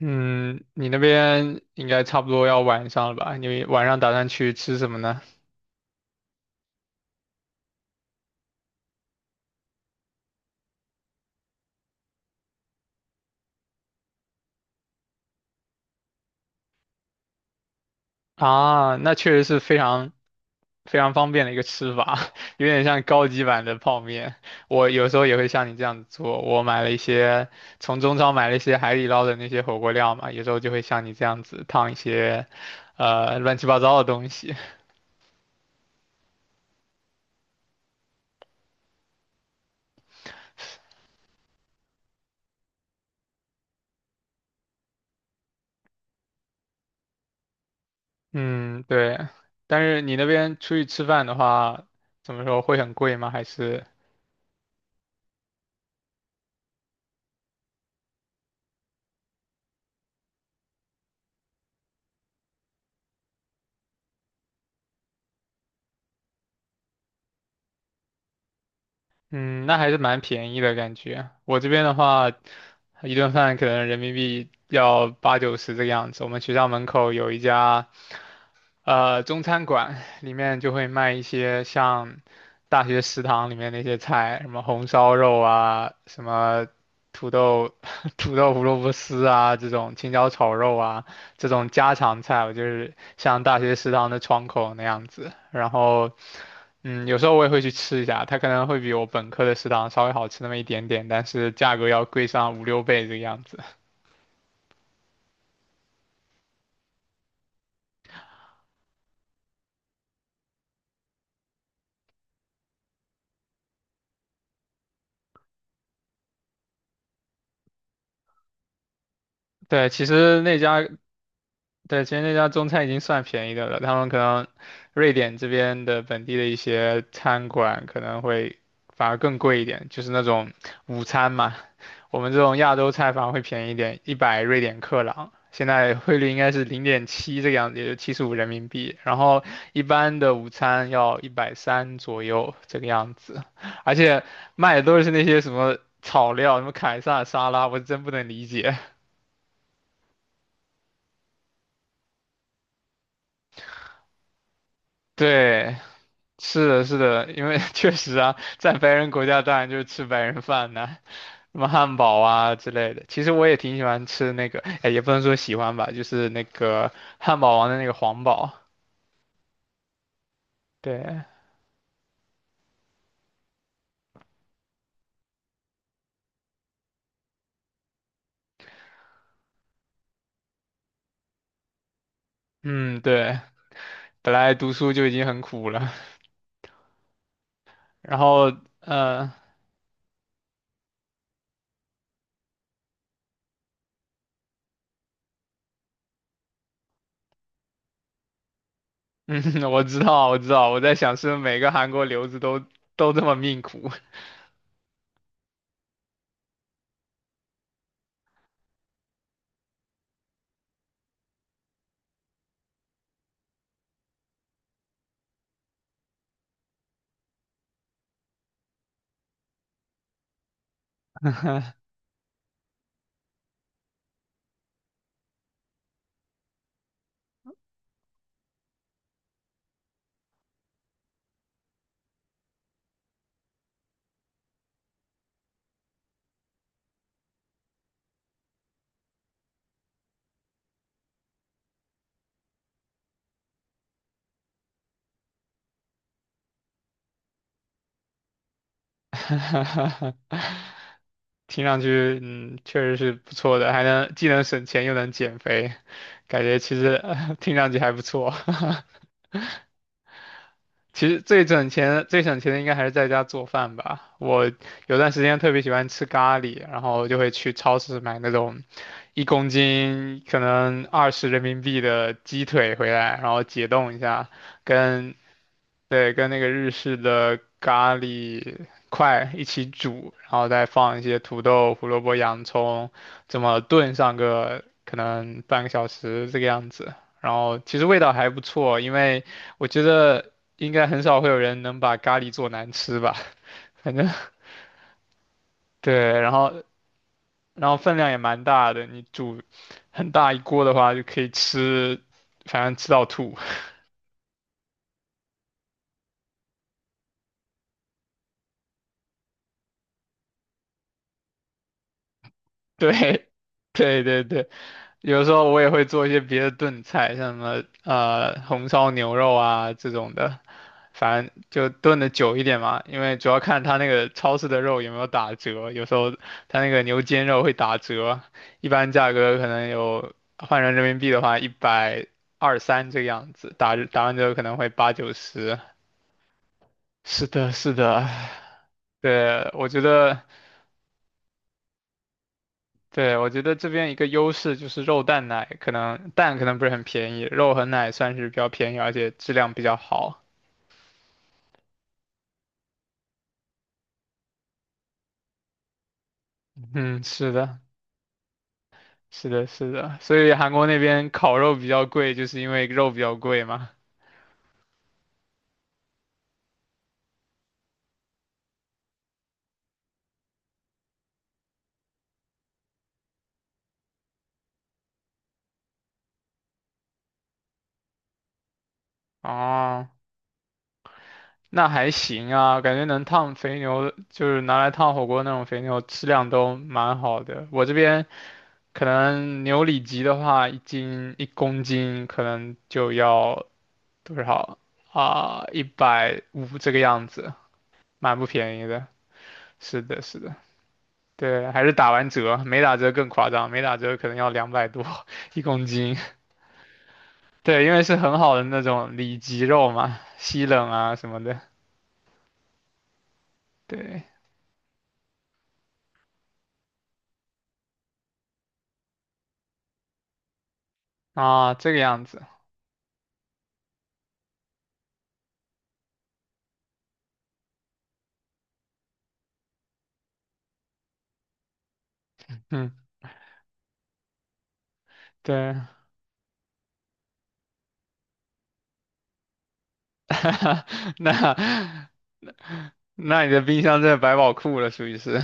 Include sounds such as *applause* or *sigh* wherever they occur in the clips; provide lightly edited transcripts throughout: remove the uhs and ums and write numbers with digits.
嗯，你那边应该差不多要晚上了吧？你晚上打算去吃什么呢？啊，那确实是非常非常方便的一个吃法，*laughs* 有点像高级版的泡面。我有时候也会像你这样子做，我买了一些，从中超买了一些海底捞的那些火锅料嘛，有时候就会像你这样子烫一些，乱七八糟的东西。*laughs* 嗯，对。但是你那边出去吃饭的话，怎么说会很贵吗？还是？嗯，那还是蛮便宜的感觉。我这边的话，一顿饭可能人民币要八九十这个样子。我们学校门口有一家中餐馆，里面就会卖一些像大学食堂里面那些菜，什么红烧肉啊，什么土豆 *laughs* 土豆胡萝卜丝啊，这种青椒炒肉啊，这种家常菜，我就是像大学食堂的窗口那样子。然后。嗯，有时候我也会去吃一下，它可能会比我本科的食堂稍微好吃那么一点点，但是价格要贵上五六倍这个样子。*laughs* 对，其实那家对，其实那家中餐已经算便宜的了，他们可能瑞典这边的本地的一些餐馆可能会反而更贵一点，就是那种午餐嘛，我们这种亚洲菜反而会便宜一点，100瑞典克朗，现在汇率应该是0.7这个样子，也就75人民币，然后一般的午餐要130左右这个样子，而且卖的都是那些什么草料，什么凯撒沙拉，我真不能理解，对。是的，是的，因为 *laughs* 确实啊，在白人国家当然就是吃白人饭呐、什么汉堡啊之类的。其实我也挺喜欢吃那个，哎，也不能说喜欢吧，就是那个汉堡王的那个黄堡。对，嗯，对，本来读书就已经很苦了，然后，呃，*laughs* 嗯，我知道，我知道，我在想是不是每个韩国留子都这么命苦。*laughs* *laughs* 听上去，嗯，确实是不错的，还能既能省钱又能减肥，感觉其实，*laughs* 听上去还不错。*laughs* 其实最省钱的应该还是在家做饭吧。我有段时间特别喜欢吃咖喱，然后就会去超市买那种一公斤可能20人民币的鸡腿回来，然后解冻一下，跟对，跟那个日式的咖喱块一起煮，然后再放一些土豆、胡萝卜、洋葱，这么炖上个可能半个小时这个样子。然后其实味道还不错，因为我觉得应该很少会有人能把咖喱做难吃吧，*laughs* 反正对，然后然后分量也蛮大的，你煮很大一锅的话就可以吃，反正吃到吐。*laughs* 对，对对对。有时候我也会做一些别的炖菜，像什么红烧牛肉啊这种的，反正就炖的久一点嘛，因为主要看他那个超市的肉有没有打折，有时候他那个牛肩肉会打折，一般价格可能有换成人民币的话一百二三这个样子，打完折可能会八九十。是的，是的，对，我觉得。对，我觉得这边一个优势就是肉蛋奶，可能蛋可能不是很便宜，肉和奶算是比较便宜，而且质量比较好。*laughs* 嗯，是的，是的，是的，所以韩国那边烤肉比较贵，就是因为肉比较贵嘛。哦，那还行啊，感觉能烫肥牛，就是拿来烫火锅那种肥牛，质量都蛮好的。我这边可能牛里脊的话，一斤一公斤可能就要多少啊？150这个样子。蛮不便宜的。是的，是的，对，还是打完折，没打折更夸张，没打折可能要200多 *laughs* 一公斤。对，因为是很好的那种里脊肉嘛，西冷啊什么的。对，啊，这个样子，嗯，对，*laughs* 那那你的冰箱真的百宝库了，属于是。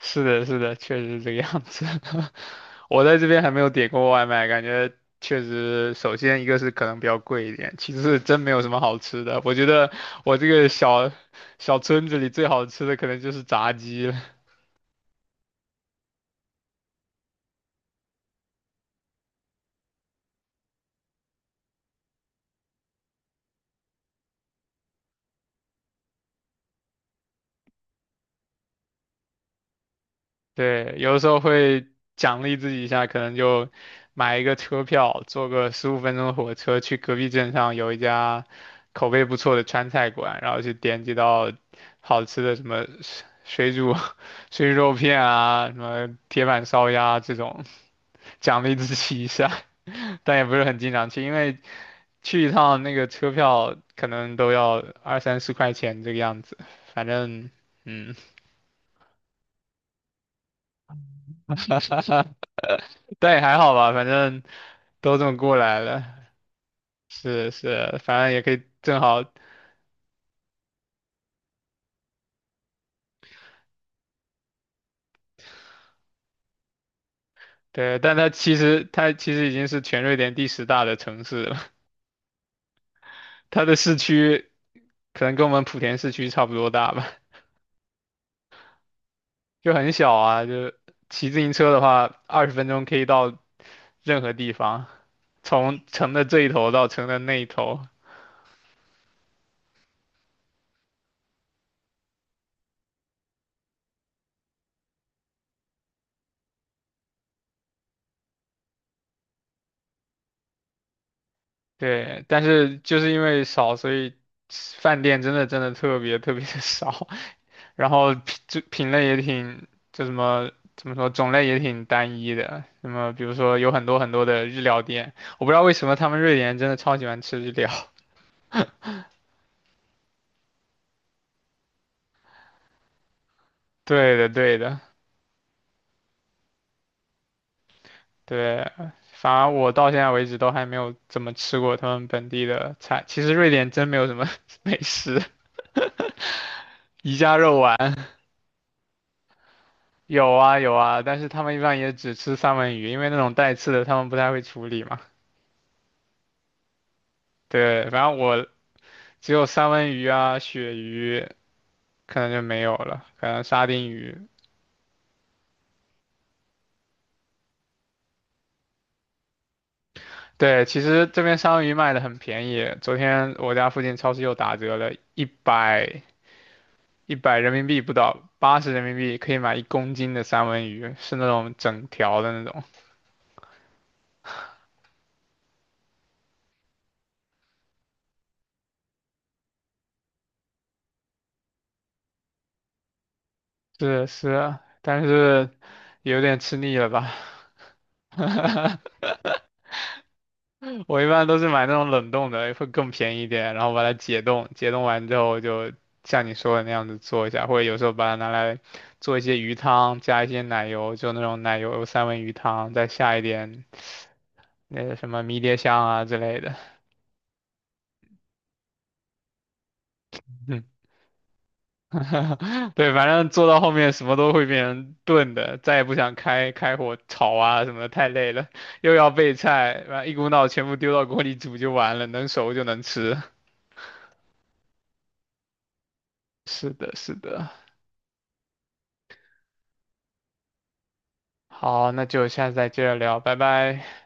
是的，是的，确实是这个样子。*laughs* 我在这边还没有点过外卖，感觉确实，首先一个是可能比较贵一点，其次是真没有什么好吃的。我觉得我这个小村子里最好吃的可能就是炸鸡了。对，有的时候会奖励自己一下，可能就买一个车票，坐个15分钟的火车去隔壁镇上有一家口碑不错的川菜馆，然后去点几道好吃的什么水煮 *laughs* 水煮肉片啊，什么铁板烧鸭这种，奖励自己一下，*laughs* 但也不是很经常去，因为去一趟那个车票可能都要二三十块钱这个样子，反正嗯。*laughs* 但也还好吧，反正都这么过来了。是是，反正也可以正好，对，但它其实已经是全瑞典第10大的城市了，*laughs* 它的市区可能跟我们莆田市区差不多大吧，就很小啊，就骑自行车的话，20分钟可以到任何地方，从城的这一头到城的那一头。对，但是就是因为少，所以吃饭店真的真的特别特别的少，*laughs* 然后品类也挺，就什么怎么说，种类也挺单一的。那么比如说有很多很多的日料店，我不知道为什么他们瑞典人真的超喜欢吃日料。*laughs* 对的，对的，对。反而我到现在为止都还没有怎么吃过他们本地的菜。其实瑞典真没有什么 *laughs* 美食，宜家肉丸。有啊有啊，但是他们一般也只吃三文鱼，因为那种带刺的他们不太会处理嘛。对，反正我只有三文鱼啊、鳕鱼，可能就没有了，可能沙丁鱼。对，其实这边三文鱼卖的很便宜，昨天我家附近超市又打折了，一百人民币不到，80人民币可以买一公斤的三文鱼，是那种整条的那种。是是啊，但是有点吃腻了吧？*laughs* 我一般都是买那种冷冻的，会更便宜一点，然后把它解冻，解冻完之后就像你说的那样子做一下，或者有时候把它拿来做一些鱼汤，加一些奶油，就那种奶油三文鱼汤，再下一点那个什么迷迭香啊之类的。嗯 *laughs* 对，反正做到后面什么都会变成炖的，再也不想开火炒啊什么的，太累了，又要备菜，然后一股脑全部丢到锅里煮就完了，能熟就能吃。*laughs* 是的，是的。好，那就下次再接着聊，拜拜。